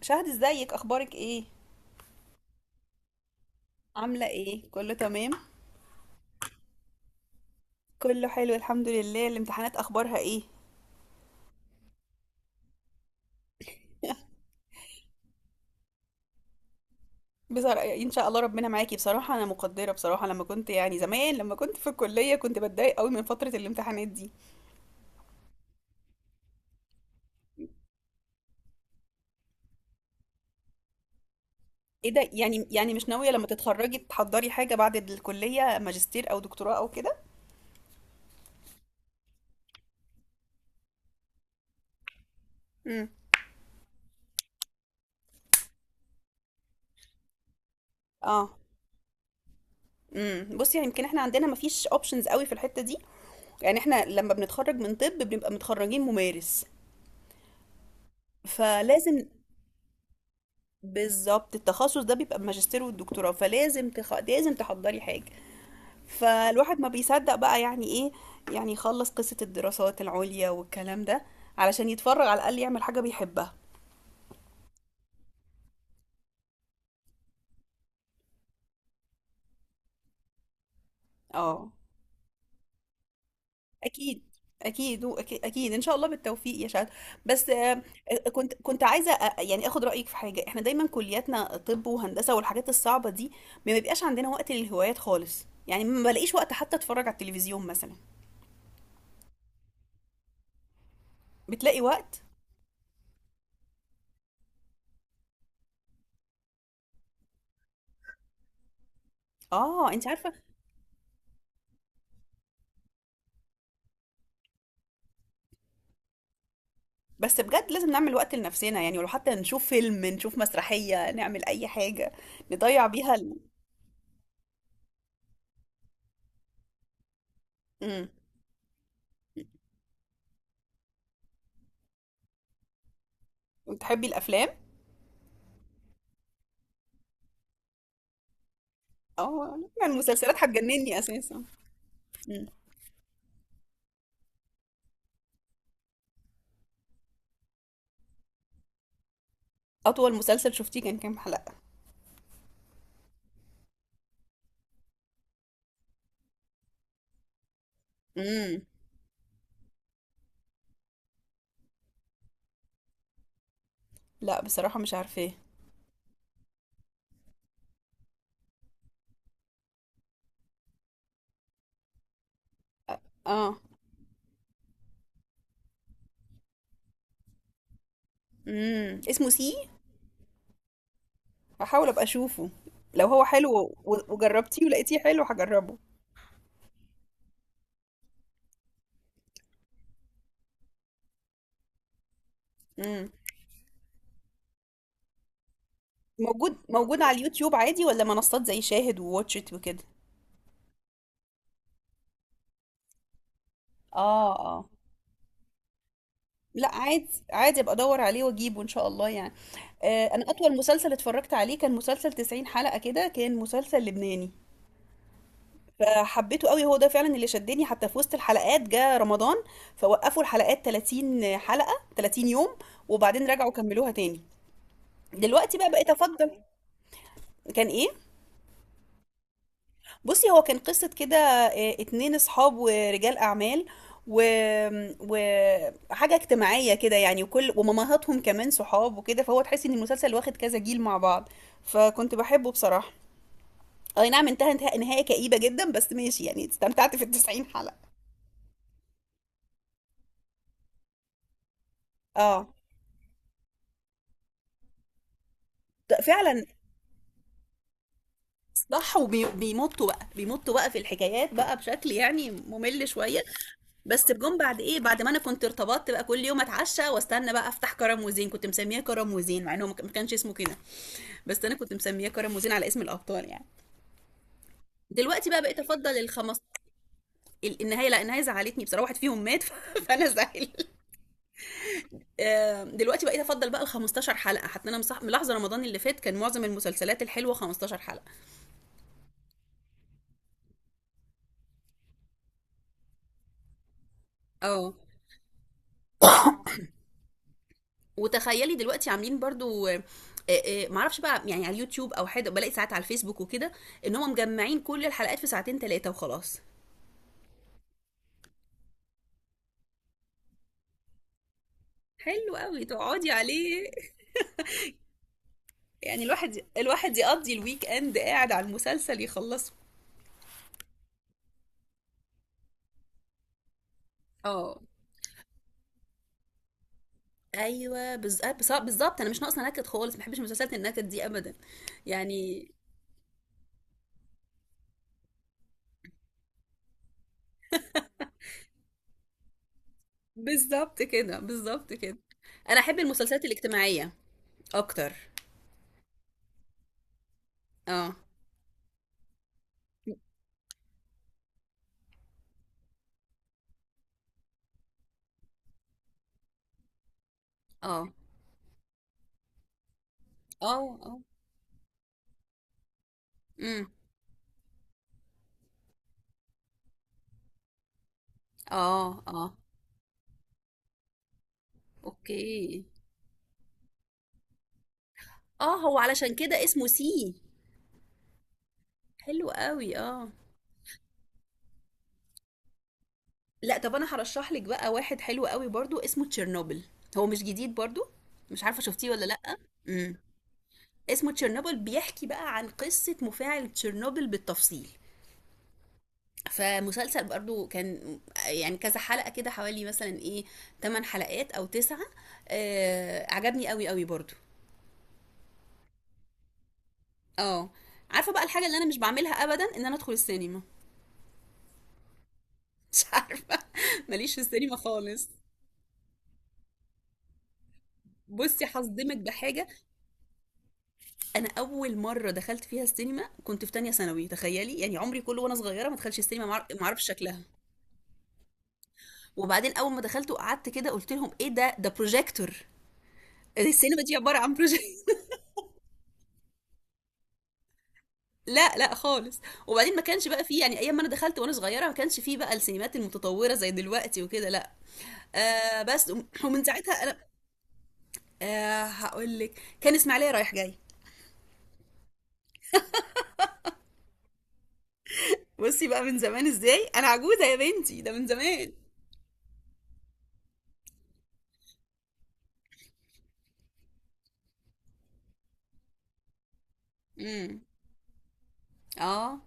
شهد، ازيك؟ اخبارك ايه؟ عامله ايه؟ كله تمام؟ كله حلو الحمد لله. الامتحانات اخبارها ايه؟ بصراحه ان شاء الله ربنا معاكي. بصراحه انا مقدره، بصراحه لما كنت يعني زمان لما كنت في الكليه كنت بتضايق قوي من فتره الامتحانات دي. ايه ده؟ يعني مش ناويه لما تتخرجي تحضري حاجه بعد الكليه، ماجستير او دكتوراه او كده؟ امم اه بصي، يعني يمكن احنا عندنا مفيش اوبشنز قوي في الحته دي. يعني احنا لما بنتخرج من طب بنبقى متخرجين ممارس، فلازم. بالظبط، التخصص ده بيبقى الماجستير والدكتوراه، فلازم لازم تحضري حاجة. فالواحد ما بيصدق بقى يعني ايه، يعني يخلص قصة الدراسات العليا والكلام ده علشان يتفرغ على الأقل يعمل حاجة بيحبها. اه، أكيد، أكيد أكيد أكيد إن شاء الله بالتوفيق يا شهد. بس كنت عايزة آخد رأيك في حاجة. إحنا دايما كلياتنا طب وهندسة والحاجات الصعبة دي ما بيبقاش عندنا وقت للهوايات خالص. يعني ما بلاقيش وقت حتى أتفرج على التلفزيون مثلا. بتلاقي وقت؟ اه، انت عارفه. بس بجد لازم نعمل وقت لنفسنا، يعني ولو حتى نشوف فيلم، نشوف مسرحية، نعمل أي حاجة نضيع بيها مم. بتحبي الأفلام؟ اه، يعني المسلسلات هتجنني أساسا. مم. أطول مسلسل شفتيه كان كام حلقة؟ مم. لا بصراحة مش عارفاه. اه. مم. اسمه سي. هحاول أبقى أشوفه، لو هو حلو وجربتيه ولقيتيه حلو هجربه. مم. موجود موجود على اليوتيوب عادي، ولا منصات زي شاهد وواتشت وكده؟ اه اه. لا عادي، عادي، ابقى ادور عليه واجيبه ان شاء الله يعني. انا اطول مسلسل اتفرجت عليه كان مسلسل 90 حلقة كده، كان مسلسل لبناني فحبيته قوي. هو ده فعلا اللي شدني، حتى في وسط الحلقات جه رمضان فوقفوا الحلقات، 30 حلقة 30 يوم، وبعدين رجعوا كملوها تاني. دلوقتي بقى بقيت افضل. كان ايه؟ بصي، هو كان قصة كده، اتنين اصحاب ورجال اعمال و... وحاجة اجتماعية كده يعني، وكل ومامهاتهم كمان صحاب وكده، فهو تحس ان المسلسل واخد كذا جيل مع بعض، فكنت بحبه بصراحة. اي نعم، انتهى نهاية كئيبة جدا، بس ماشي يعني، استمتعت في التسعين حلقة. اه، فعلا. صح، وبيمطوا بقى، بيمطوا بقى في الحكايات بقى بشكل يعني ممل شوية. بس بجون بعد ايه، بعد ما انا كنت ارتبطت بقى كل يوم اتعشى واستنى بقى افتح كرم وزين. كنت مسمياه كرم وزين مع انه ما كانش اسمه كده، بس انا كنت مسمياه كرم وزين على اسم الابطال يعني. دلوقتي بقى بقيت افضل الخمس النهايه. لا النهايه زعلتني بصراحه، واحد فيهم مات فانا زعل. دلوقتي بقيت افضل بقى ال 15 حلقه. حتى انا ملاحظه رمضان اللي فات كان معظم المسلسلات الحلوه 15 حلقه. اه. وتخيلي دلوقتي عاملين برضو، معرفش بقى يعني على اليوتيوب او حاجه، بلاقي ساعات على الفيسبوك وكده ان هم مجمعين كل الحلقات في ساعتين ثلاثه وخلاص. حلو قوي تقعدي عليه. يعني الواحد يقضي الويك اند قاعد على المسلسل يخلصه. اه، ايوه، بالظبط، انا مش ناقصه نكد خالص، ما بحبش مسلسلات النكد دي ابدا يعني. بالظبط كده، بالظبط كده. انا احب المسلسلات الاجتماعيه اكتر. اه اه اه اه. امم. اه اه. اوكي. اه، هو علشان كده اسمه سي. حلو قوي، اه. لا طب انا هرشح لك بقى واحد حلو قوي برضو، اسمه تشيرنوبل. هو مش جديد برضو، مش عارفه شفتيه ولا لا. امم. اسمه تشيرنوبل، بيحكي بقى عن قصه مفاعل تشيرنوبل بالتفصيل. فمسلسل برضو كان يعني كذا حلقة كده حوالي، مثلا ايه، 8 حلقات او 9. آه، عجبني قوي قوي برضو. اه. عارفة بقى الحاجة اللي انا مش بعملها ابدا، ان انا ادخل السينما. مش عارفة، ماليش في السينما خالص. بصي هصدمك بحاجه، انا اول مره دخلت فيها السينما كنت في تانية ثانوي، تخيلي يعني. عمري كله وانا صغيره ما دخلش السينما، ما اعرفش شكلها. وبعدين اول ما دخلت وقعدت كده قلت لهم ايه ده، ده بروجيكتور؟ السينما دي عباره عن بروجيكتور. لا لا خالص. وبعدين ما كانش بقى فيه يعني، ايام ما انا دخلت وانا صغيره ما كانش فيه بقى السينمات المتطوره زي دلوقتي وكده، لا. بس ومن ساعتها انا. هقول لك، كان اسماعيليه رايح جاي. بصي بقى من زمان، ازاي انا عجوزه يا بنتي، ده من زمان. امم. اه.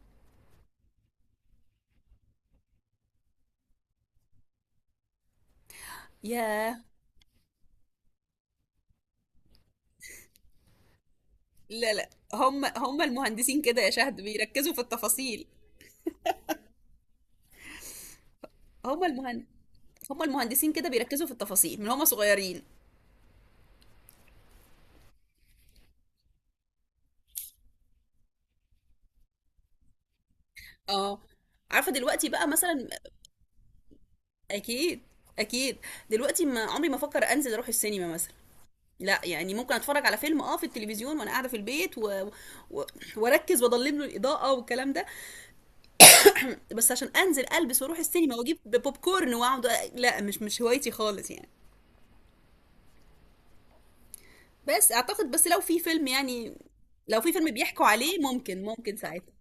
ياه. لا لا. هم المهندسين كده يا شهد، بيركزوا في التفاصيل. هم المهن هم المهندسين كده بيركزوا في التفاصيل من هم صغيرين. اه. عارفة دلوقتي بقى مثلا. اكيد، اكيد. دلوقتي ما عمري ما افكر انزل اروح السينما مثلا. لا يعني، ممكن اتفرج على فيلم اه في التلفزيون وانا قاعده في البيت و... واركز واضلم له الاضاءه والكلام ده. بس عشان انزل البس واروح السينما واجيب بوب كورن واقعد، لا، مش هوايتي خالص يعني. بس اعتقد، بس لو في فيلم يعني، لو في فيلم بيحكوا عليه، ممكن ساعتها.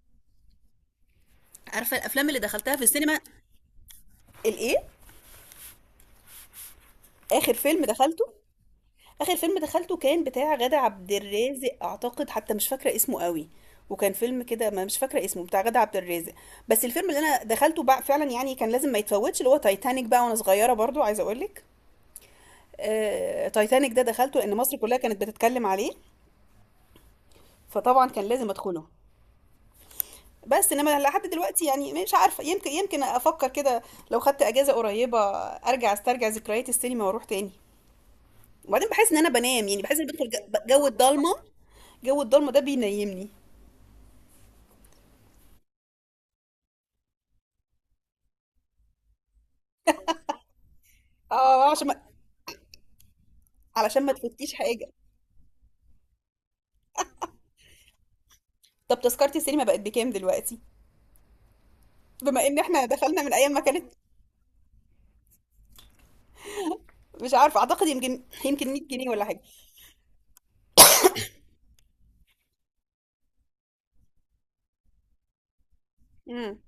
عارفه الافلام اللي دخلتها في السينما. الايه، اخر فيلم دخلته؟ اخر فيلم دخلته كان بتاع غادة عبد الرازق اعتقد، حتى مش فاكره اسمه قوي. وكان فيلم كده، ما مش فاكره اسمه، بتاع غادة عبد الرازق. بس الفيلم اللي انا دخلته بقى فعلا يعني كان لازم ما يتفوتش اللي هو تايتانيك بقى، وانا صغيره برضو عايزه اقول لك. تايتانيك ده دخلته لان مصر كلها كانت بتتكلم عليه، فطبعا كان لازم ادخله. بس انما لحد دلوقتي يعني مش عارفه، يمكن افكر كده، لو خدت اجازه قريبه ارجع استرجع ذكريات السينما واروح تاني. وبعدين بحس ان انا بنام يعني، بحس ان بدخل جو الضلمه، جو الضلمه ده بينيمني. اه، عشان ما علشان ما تفوتكيش حاجه. طب تذكره السينما بقت بكام دلوقتي؟ بما ان احنا دخلنا من ايام ما كانت. مش عارفه اعتقد، يمكن 100 جنيه ولا حاجه. امم.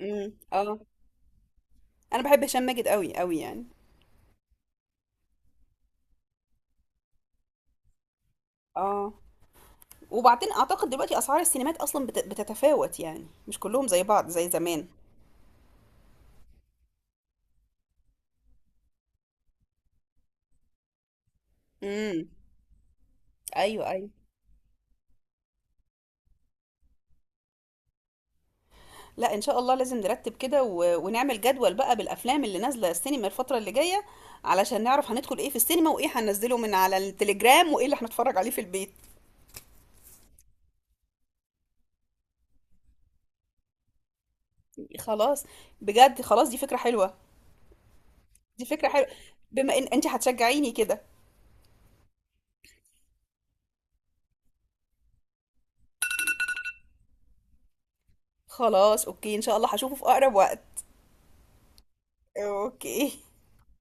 امم. اه. انا بحب هشام ماجد قوي قوي يعني. اه. وبعدين اعتقد دلوقتي اسعار السينمات اصلا بتتفاوت يعني، مش كلهم زي بعض زي زمان. امم. ايوه، ايوه. لا ان شاء الله لازم نرتب كده ونعمل جدول بقى بالافلام اللي نازله السينما الفتره اللي جايه، علشان نعرف هندخل ايه في السينما، وايه هننزله من على التليجرام، وايه اللي هنتفرج عليه في البيت. خلاص، بجد خلاص، دي فكره حلوه. دي فكره حلوه، بما ان انت هتشجعيني كده. خلاص، اوكي، ان شاء الله هشوفه في اقرب وقت. اوكي.